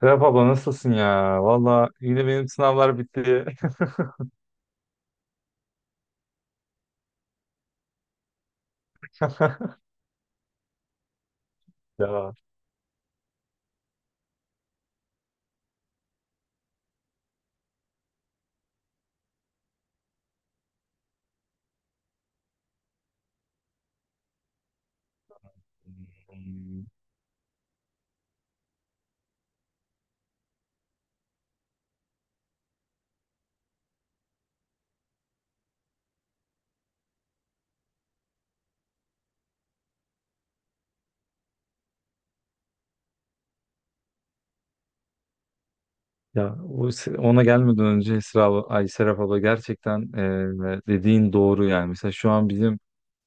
Serap abla nasılsın ya? Valla yine benim sınavlar bitti. Ya. hmm, Ya ona gelmeden önce Esra abla, ay Serap abla gerçekten dediğin doğru yani. Mesela şu an bizim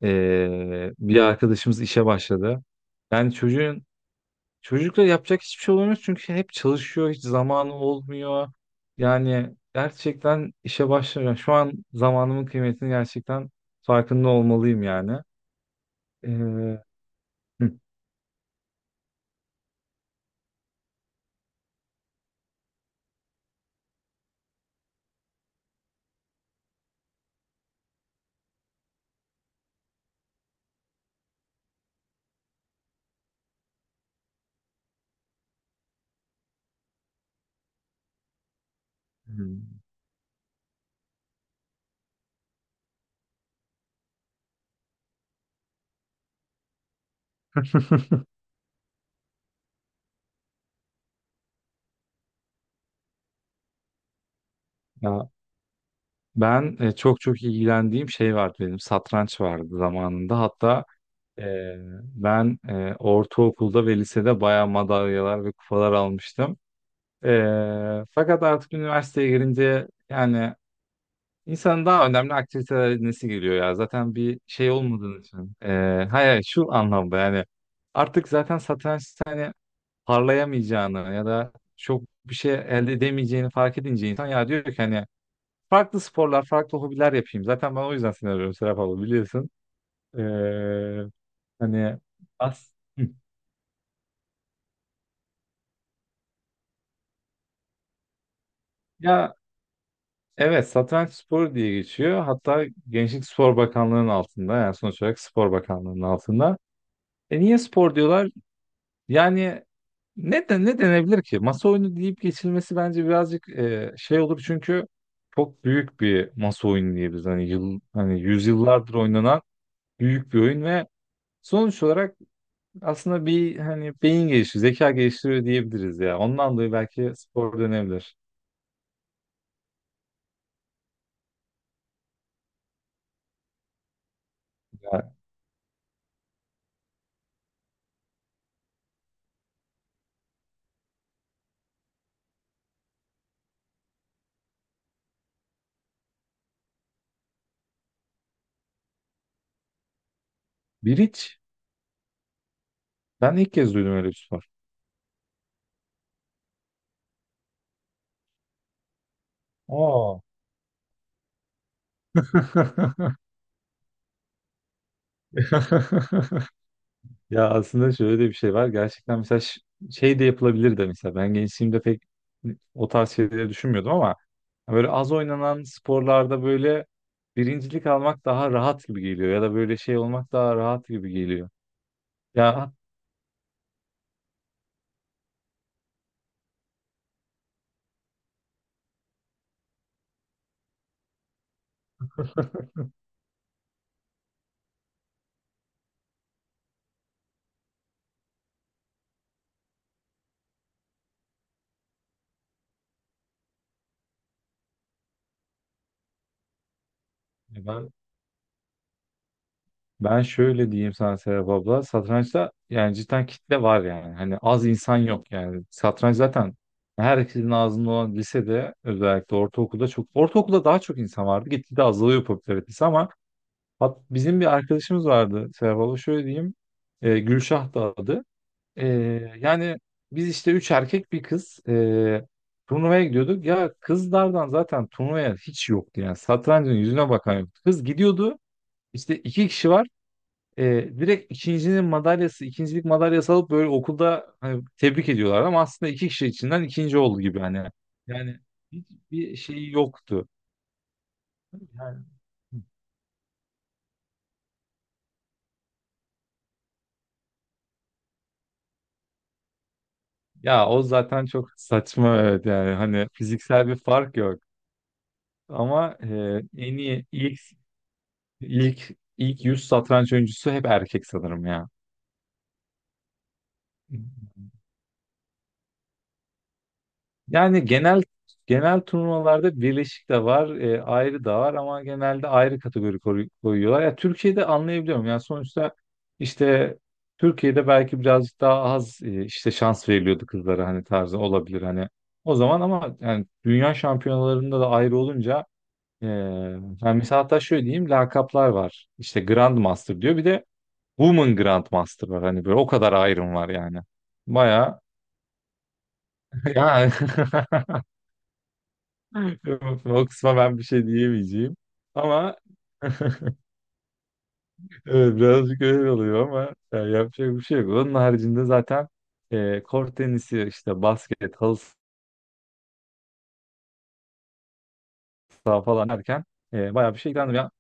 bir arkadaşımız işe başladı. Yani çocuğun Çocukla yapacak hiçbir şey olmuyor çünkü hep çalışıyor, hiç zamanı olmuyor. Yani gerçekten işe başlıyor. Şu an zamanımın kıymetini gerçekten farkında olmalıyım yani. E, hı. Hmm. Ya ben çok çok ilgilendiğim şey vardı benim satranç vardı zamanında hatta e, ben ortaokulda ve lisede bayağı madalyalar ve kupalar almıştım. E, Fakat artık üniversiteye girince yani insanın daha önemli aktiviteler edinmesi geliyor ya zaten bir şey olmadığı için. Hayır şu anlamda yani artık zaten satrançta hani parlayamayacağını ya da çok bir şey elde edemeyeceğini fark edince insan ya diyor ki hani farklı sporlar, farklı hobiler yapayım. Zaten ben o yüzden seni arıyorum Serap abla biliyorsun. Ee, hani as Hı. Ya evet satranç sporu diye geçiyor. Hatta Gençlik Spor Bakanlığı'nın altında yani sonuç olarak Spor Bakanlığı'nın altında. E niye spor diyorlar? Yani ne de ne denebilir ki? Masa oyunu deyip geçilmesi bence birazcık şey olur çünkü çok büyük bir masa oyunu diyebiliriz. Hani yıl hani yüzyıllardır oynanan büyük bir oyun ve sonuç olarak aslında bir hani beyin geliştiriyor, zeka geliştiriyor diyebiliriz ya. Ondan dolayı belki spor dönebilir. Ya, biriç. Ben ilk kez duydum öyle bir spor. Aa. Ya aslında şöyle de bir şey var. Gerçekten mesela şey de yapılabilir de mesela. Ben gençliğimde pek o tarz şeyleri düşünmüyordum ama böyle az oynanan sporlarda böyle birincilik almak daha rahat gibi geliyor ya da böyle şey olmak daha rahat gibi geliyor. Ya ben Ben şöyle diyeyim sana Serap abla. Satrançta yani cidden kitle var yani. Hani az insan yok yani. Satranç zaten herkesin ağzında olan lisede özellikle ortaokulda çok. Ortaokulda daha çok insan vardı. Gitgide azalıyor popülaritesi ama bizim bir arkadaşımız vardı Serap abla. Şöyle diyeyim. Gülşah da adı. E, Yani biz işte üç erkek bir kız turnuvaya gidiyorduk. Ya kızlardan zaten turnuvaya hiç yoktu yani. Satrancın yüzüne bakan yoktu. Kız gidiyordu. İşte iki kişi var e, direkt ikincinin madalyası, ikincilik madalyası alıp böyle okulda hani, tebrik ediyorlar ama aslında iki kişi içinden ikinci oldu gibi hani. Yani hiçbir şey yoktu. Yani, ya o zaten çok saçma evet yani hani fiziksel bir fark yok. Ama en iyi ilk 100 satranç oyuncusu hep erkek sanırım ya. Yani genel turnuvalarda birleşik de var, ayrı da var ama genelde ayrı kategori koyuyorlar. Ya Türkiye'de anlayabiliyorum. Yani sonuçta işte Türkiye'de belki birazcık daha az işte şans veriliyordu kızlara hani tarzı olabilir hani. O zaman ama yani dünya şampiyonalarında da ayrı olunca yani mesela hatta şöyle diyeyim lakaplar var. İşte Grand Master diyor. Bir de Woman Grand Master var. Hani böyle o kadar ayrım var yani. Bayağı yani Yok, o kısma ben bir şey diyemeyeceğim. Ama evet birazcık öyle oluyor ama ya, yapacak bir şey yok. Onun haricinde zaten kort tenisi, işte basket, halı saha falan derken bayağı bir şey ilgilendim ya.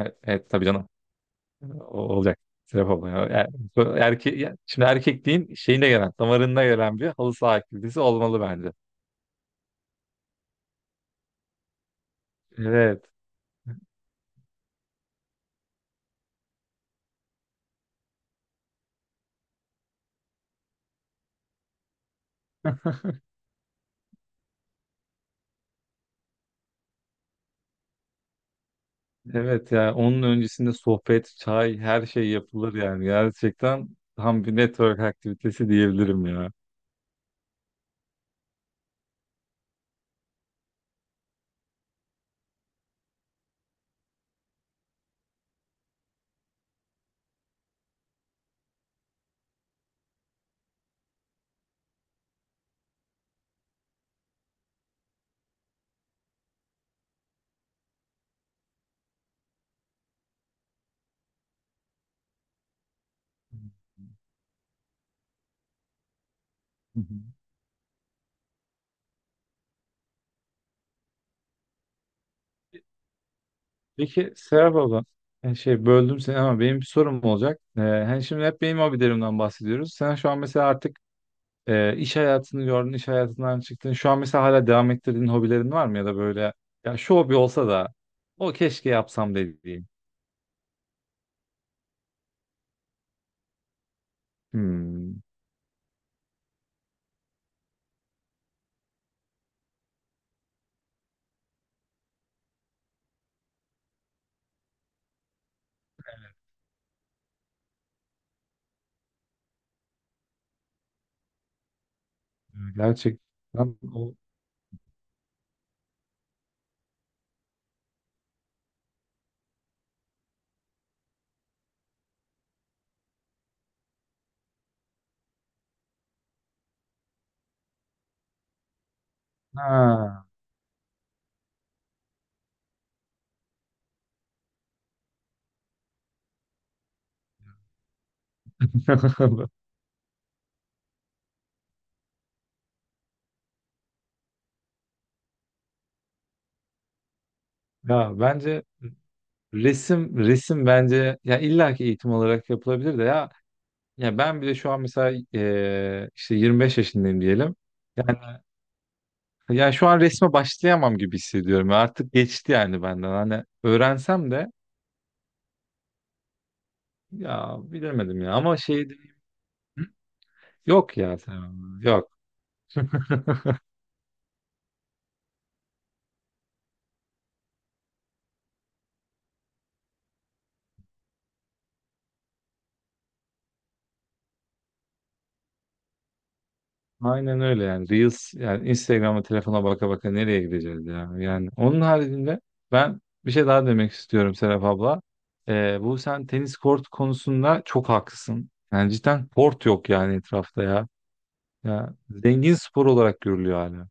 Evet, evet tabii canım. Olacak. Sebep olmuyor. Yani, şimdi erkekliğin şeyine gelen, damarında gelen bir halı saha aktivitesi olmalı bence. Evet. Evet ya onun öncesinde sohbet, çay her şey yapılır yani. Gerçekten tam bir network aktivitesi diyebilirim ya. Hı hı. Peki Serap abla, yani şey böldüm seni ama benim bir sorum olacak. Hani şimdi hep benim hobilerimden bahsediyoruz. Sen şu an mesela artık iş hayatını gördün, iş hayatından çıktın. Şu an mesela hala devam ettirdiğin hobilerin var mı ya da böyle ya şu hobi olsa da o keşke yapsam dediğin. Hmm, gerçekten o. Ha. Ya bence resim bence ya illaki eğitim olarak yapılabilir de ya ya ben bile şu an mesela işte 25 yaşındayım diyelim. Yani ya şu an resme başlayamam gibi hissediyorum. Ya artık geçti yani benden. Hani öğrensem de ya bilemedim ya ama şey. Hı? Yok ya tamam, yok. Aynen öyle yani. Reels yani Instagram'a telefona baka baka nereye gideceğiz ya? Yani onun haricinde ben bir şey daha demek istiyorum Serap abla. Bu sen tenis kort konusunda çok haklısın. Yani cidden kort yok yani etrafta ya. Ya zengin spor olarak görülüyor hala.